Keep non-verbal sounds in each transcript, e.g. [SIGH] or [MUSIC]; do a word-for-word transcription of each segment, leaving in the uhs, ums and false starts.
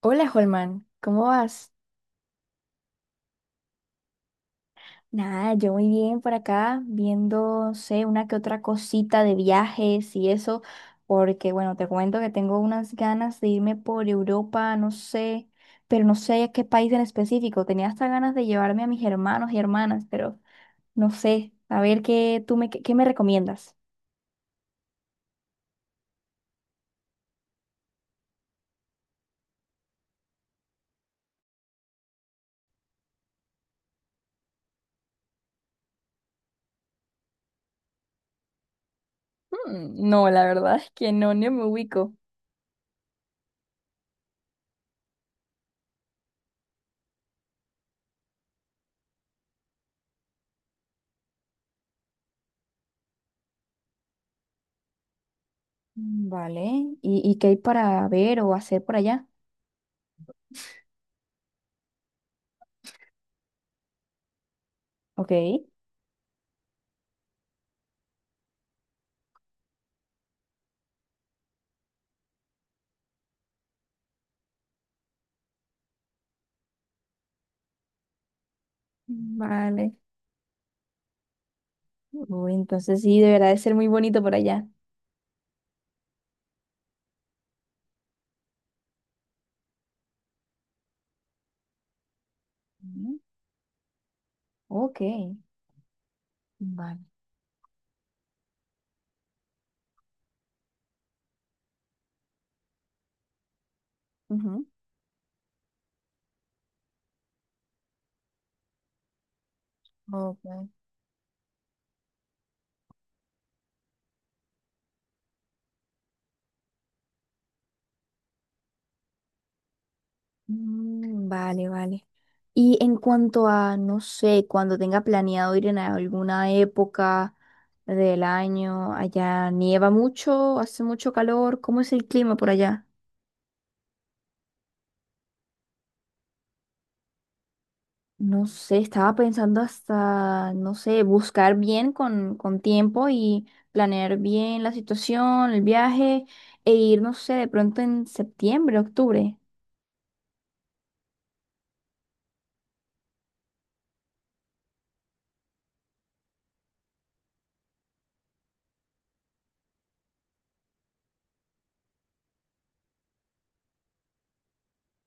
Hola, Holman, ¿cómo vas? Nada, yo muy bien por acá, viendo, no sé, una que otra cosita de viajes y eso, porque bueno, te cuento que tengo unas ganas de irme por Europa, no sé, pero no sé a qué país en específico. Tenía hasta ganas de llevarme a mis hermanos y hermanas, pero no sé, a ver qué tú me, qué, qué me recomiendas. Mm, No, la verdad es que no, ni me ubico. Mm, Vale, ¿y, ¿y qué hay para ver o hacer por allá? Ok. Vale. Uy, entonces sí, deberá de ser muy bonito por allá. Ujú. Ok, vale. Ujú. Ok. Mm, vale, vale. Y en cuanto a, no sé, cuando tenga planeado ir en alguna época del año, allá nieva mucho, hace mucho calor, ¿cómo es el clima por allá? No sé, estaba pensando hasta, no sé, buscar bien con, con tiempo y planear bien la situación, el viaje, e ir, no sé, de pronto en septiembre, octubre.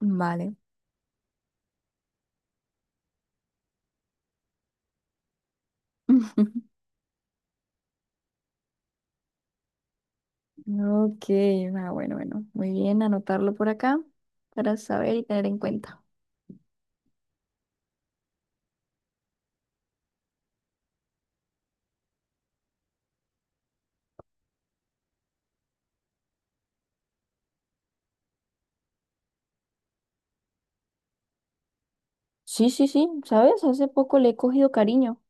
Vale. [LAUGHS] Ok, ah, bueno, bueno, muy bien, anotarlo por acá para saber y tener en cuenta. Sí, sí, sí, ¿sabes? Hace poco le he cogido cariño.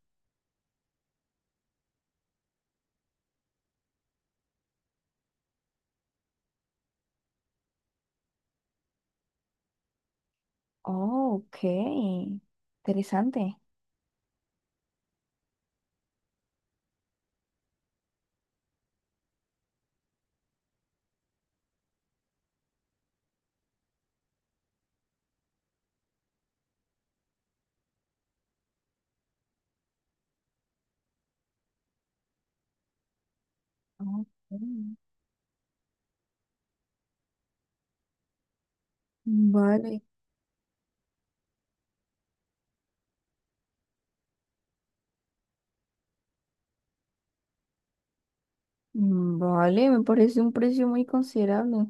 Oh, ok, interesante. Ok. Vale. Mm, vale, me parece un precio muy considerable.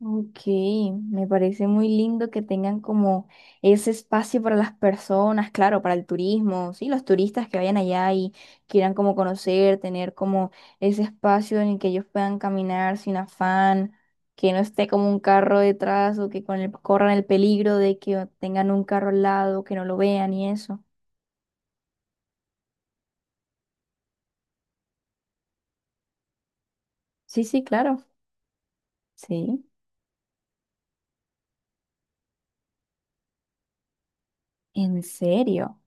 Ok, me parece muy lindo que tengan como ese espacio para las personas, claro, para el turismo, sí, los turistas que vayan allá y quieran como conocer, tener como ese espacio en el que ellos puedan caminar sin afán, que no esté como un carro detrás o que con el, corran el peligro de que tengan un carro al lado, que no lo vean y eso. Sí, sí, claro. Sí, en serio.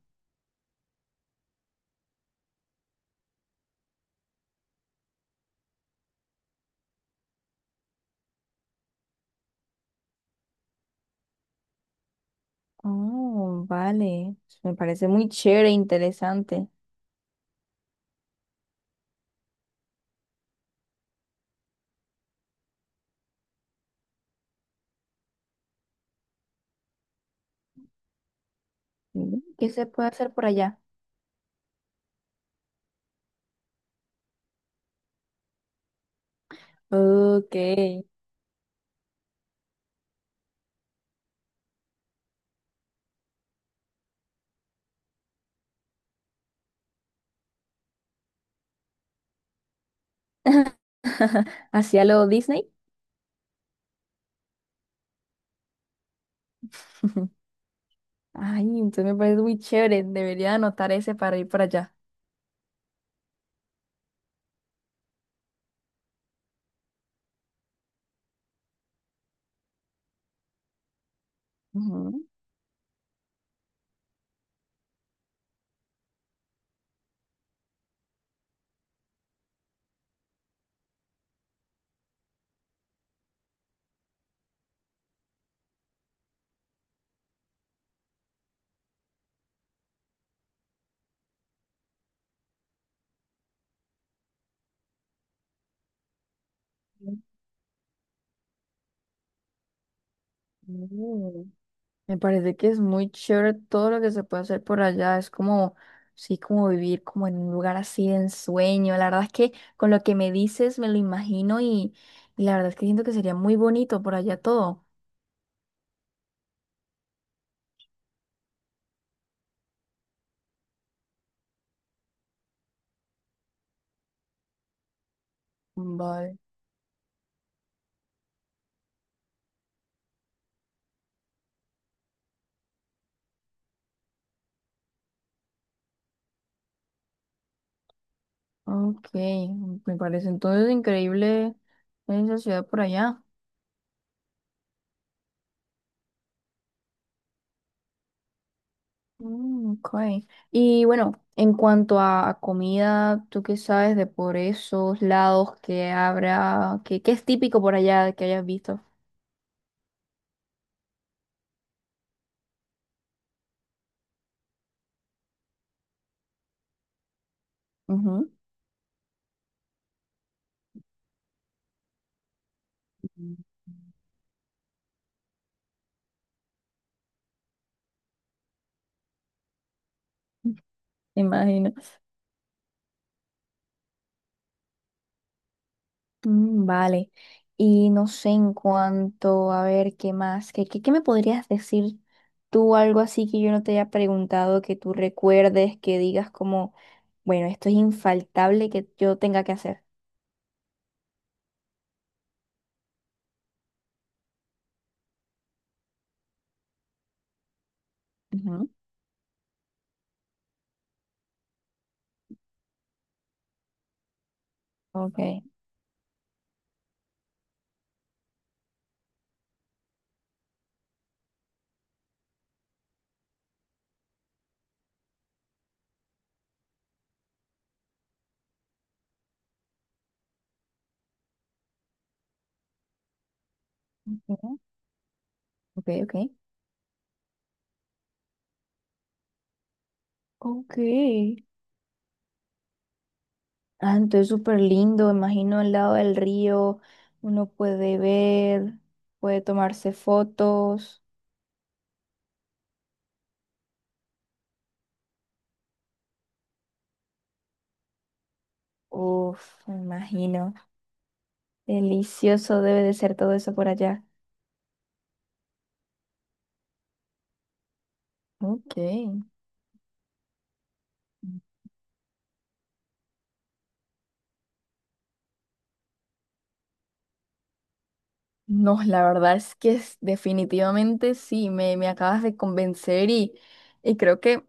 Oh, vale. Me parece muy chévere e interesante. Mm. ¿Qué se puede hacer por allá? Ok. [LAUGHS] ¿Hacia lo Disney? [LAUGHS] Ay, entonces me parece muy chévere. Debería anotar ese para ir para allá. Ujú. Mm. Me parece que es muy chévere todo lo que se puede hacer por allá. Es como, sí, como vivir como en un lugar así de ensueño. La verdad es que con lo que me dices me lo imagino y, y la verdad es que siento que sería muy bonito por allá todo. Vale. Ok, me parece entonces increíble esa ciudad por allá. Mm, okay. Y bueno, en cuanto a, a comida, ¿tú qué sabes de por esos lados que habrá, que, que es típico por allá que hayas visto? Ujú. Mm. [LAUGHS] Me imagino. Mm, vale. Y no sé en cuanto a ver qué más, ¿qué, qué, ¿qué me podrías decir tú algo así que yo no te haya preguntado, que tú recuerdes, que digas como, bueno, esto es infaltable que yo tenga que hacer? Ujú. Ok. Ujú. Ok, ok. Ok. Ah, entonces súper lindo, imagino al lado del río, uno puede ver, puede tomarse fotos. Uf, me imagino. Delicioso debe de ser todo eso por allá. Ok. No, la verdad es que es- definitivamente sí, me, me acabas de convencer y, y creo que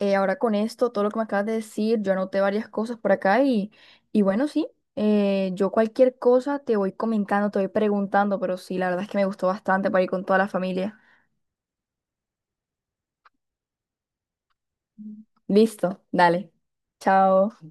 eh, ahora con esto, todo lo que me acabas de decir, yo anoté varias cosas por acá y, y bueno, sí, eh, yo cualquier cosa te voy comentando, te voy preguntando, pero sí, la verdad es que me gustó bastante para ir con toda la familia. Listo, dale. Chao.